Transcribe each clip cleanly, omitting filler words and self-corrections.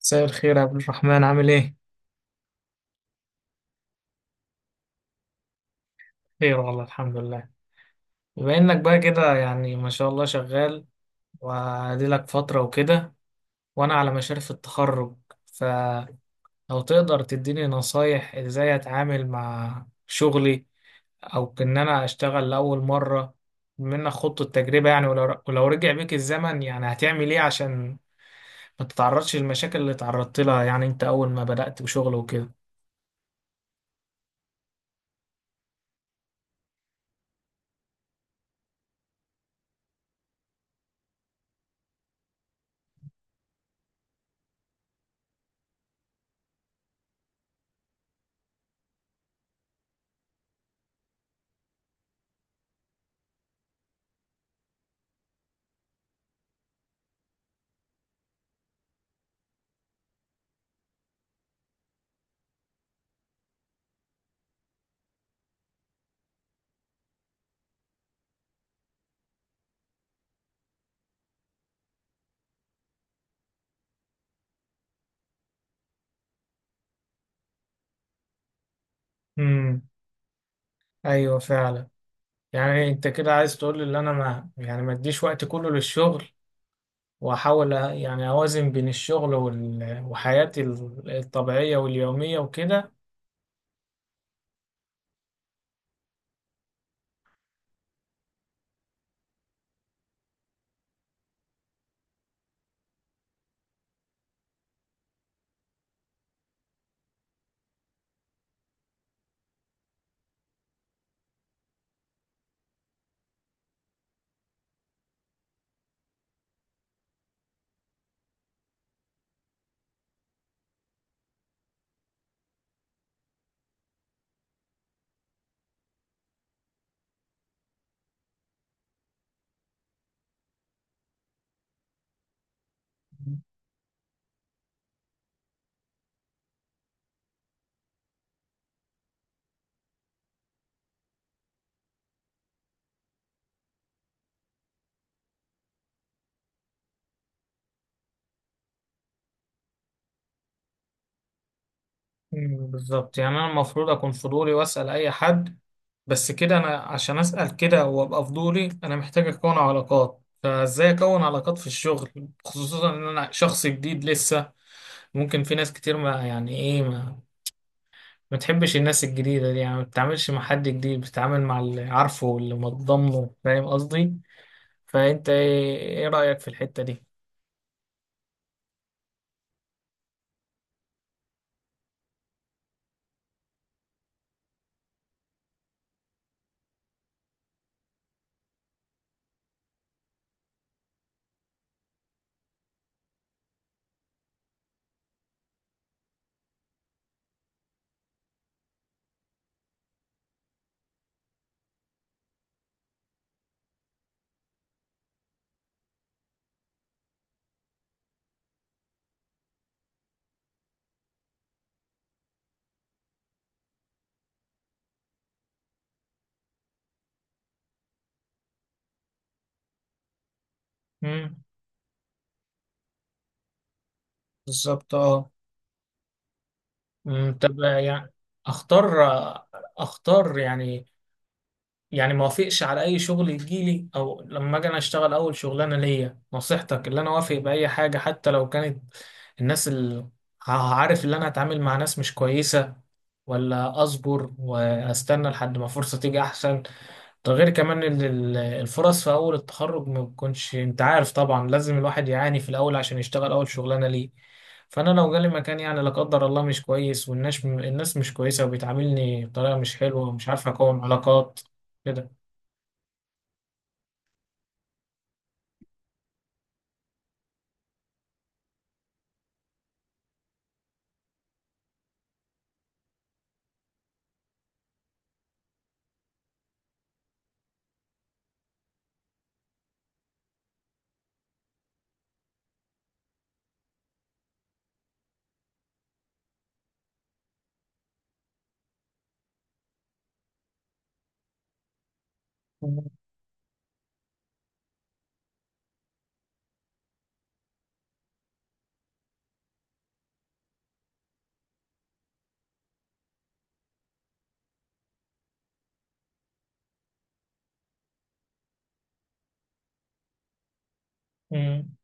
مساء الخير يا عبد الرحمن، عامل ايه؟ خير والله، الحمد لله. بما انك بقى كده يعني ما شاء الله شغال وادي لك فترة وكده، وانا على مشارف التخرج، فلو تقدر تديني نصايح ازاي اتعامل مع شغلي، او ان انا اشتغل لاول مرة منك، خضت التجربة يعني. ولو رجع بيك الزمن يعني هتعمل ايه عشان ما تتعرضش للمشاكل اللي تعرضت لها، يعني انت اول ما بدأت وشغل وكده. امم ايوه، فعلا. يعني انت كده عايز تقول ان انا ما، يعني، ما اديش وقت كله للشغل، واحاول يعني اوازن بين الشغل وحياتي الطبيعية واليومية وكده. مم، بالظبط. يعني انا المفروض اكون فضولي واسأل اي حد. بس كده انا عشان اسأل كده وابقى فضولي انا محتاج اكون علاقات، فازاي اكون علاقات في الشغل خصوصا ان انا شخص جديد لسه؟ ممكن في ناس كتير ما يعني ايه، ما تحبش الناس الجديدة دي، يعني ما بتتعاملش مع حد جديد، بتتعامل مع اللي عارفه واللي متضامنه، فاهم قصدي؟ فأنت إيه رأيك في الحتة دي؟ مم. بالظبط، اه. مم، طب يعني أختار أختار يعني، يعني ما وافقش على أي شغل يجيلي، أو لما أجي أنا أشتغل أول شغلانة ليا نصيحتك اللي أنا أوافق بأي حاجة حتى لو كانت الناس اللي عارف اللي أنا هتعامل مع ناس مش كويسة، ولا اصبر واستنى لحد ما فرصة تيجي احسن؟ ده غير كمان الفرص في اول التخرج ما بتكونش، انت عارف طبعا لازم الواحد يعاني في الاول عشان يشتغل اول شغلانه ليه. فانا لو جالي مكان يعني، لا قدر الله، مش كويس والناس مش كويسه وبيتعاملني بطريقه مش حلوه ومش عارف اكون علاقات كده. أمم،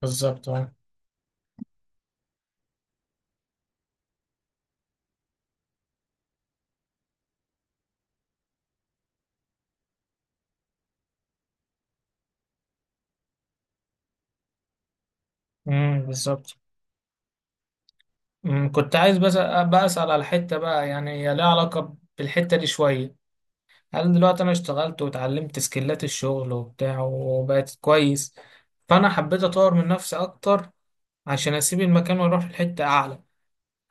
بالظبط، آه. بالظبط. كنت عايز بس بقى اسال على الحته بقى، يعني هي ليها علاقه بالحته دي شويه. هل دلوقتي انا اشتغلت واتعلمت سكيلات الشغل وبتاع وبقت كويس، فانا حبيت اطور من نفسي اكتر عشان اسيب المكان واروح لحتة اعلى،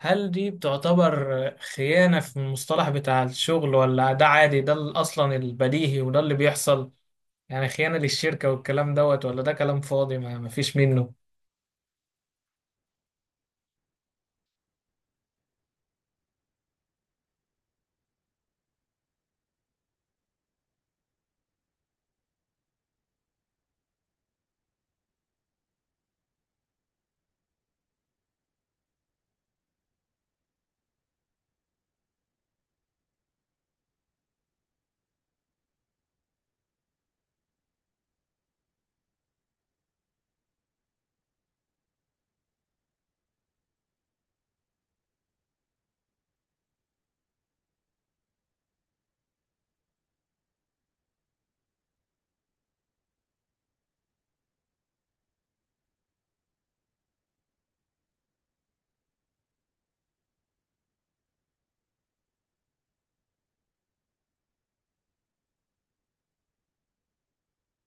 هل دي بتعتبر خيانة في المصطلح بتاع الشغل ولا ده عادي؟ ده اصلا البديهي وده اللي بيحصل، يعني خيانة للشركة والكلام دوت، ولا ده كلام فاضي ما فيش منه؟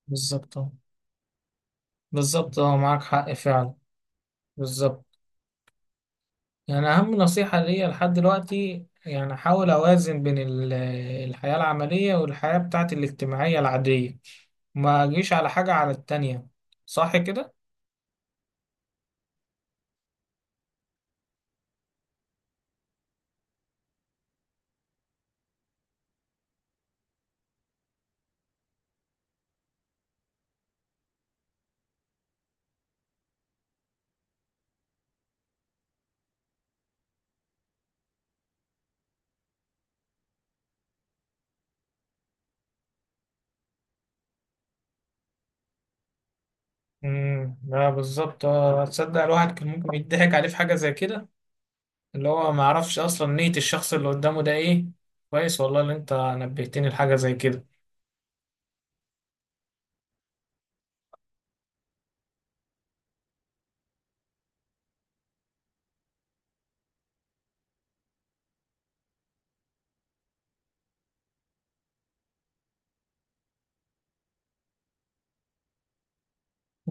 بالظبط، اه. بالظبط، اه معاك حق فعلا. بالظبط. يعني أهم نصيحة ليا لحد دلوقتي يعني أحاول أوازن بين الحياة العملية والحياة بتاعتي الاجتماعية العادية، ما أجيش على حاجة على التانية، صح كده؟ لا، بالظبط، آه. تصدق الواحد كان ممكن يضحك عليه في حاجة زي كده، اللي هو ما يعرفش أصلا نية الشخص اللي قدامه ده إيه. كويس والله اللي أنت نبهتني لحاجة زي كده.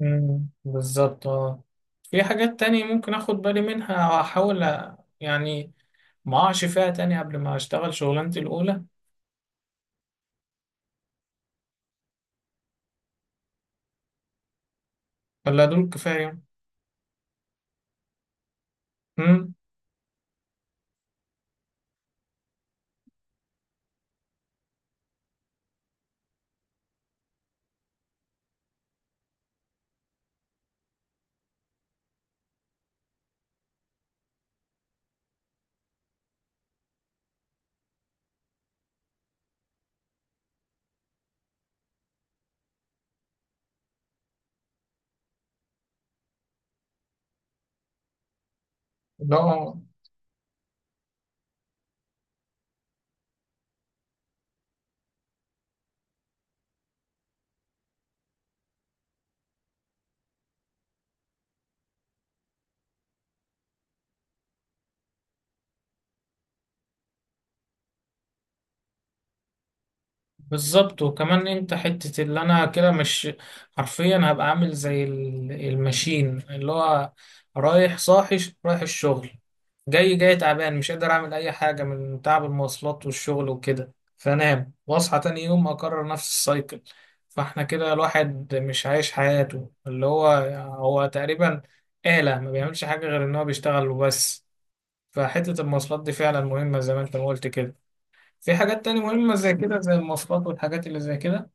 بالظبط، اه. في حاجات تانية ممكن أخد بالي منها أحاول، يعني، ما أقعش فيها تاني قبل ما أشتغل شغلانتي الأولى، ولا دول كفاية؟ امم لا، بالظبط. وكمان انت حتة اللي انا كده مش، حرفيا هبقى عامل زي الماشين، اللي هو رايح صاحي، رايح الشغل، جاي تعبان مش قادر اعمل اي حاجة من تعب المواصلات والشغل وكده، فانام واصحى تاني يوم اكرر نفس السايكل. فاحنا كده الواحد مش عايش حياته، اللي هو هو تقريبا آلة ما بيعملش حاجة غير ان هو بيشتغل وبس. فحتة المواصلات دي فعلا مهمة زي ما انت ما قلت كده. في حاجات تانية مهمة زي كده، زي المواصلات والحاجات اللي زي كده؟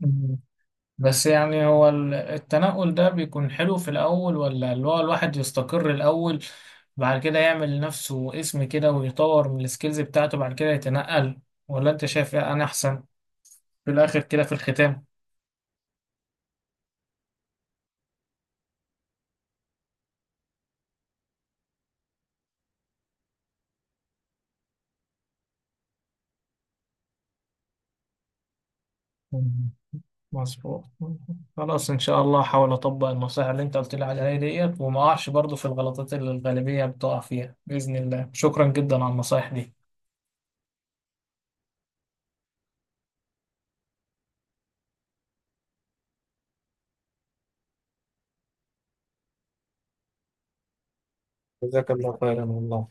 مم. بس يعني هو التنقل ده بيكون حلو في الأول، ولا اللي هو الواحد يستقر الأول بعد كده يعمل لنفسه اسم كده ويطور من السكيلز بتاعته بعد كده يتنقل؟ ولا أنت شايف إيه أنا أحسن في الآخر كده في الختام؟ مم. مظبوط. مم. خلاص إن شاء الله هحاول أطبق النصائح اللي أنت قلت لي عليها ديت وما أقعش برضه في الغلطات اللي الغالبية بتقع فيها بإذن الله. شكرا جدا على النصائح دي. جزاك الله خيرا والله.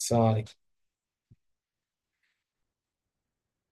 السلام عليكم.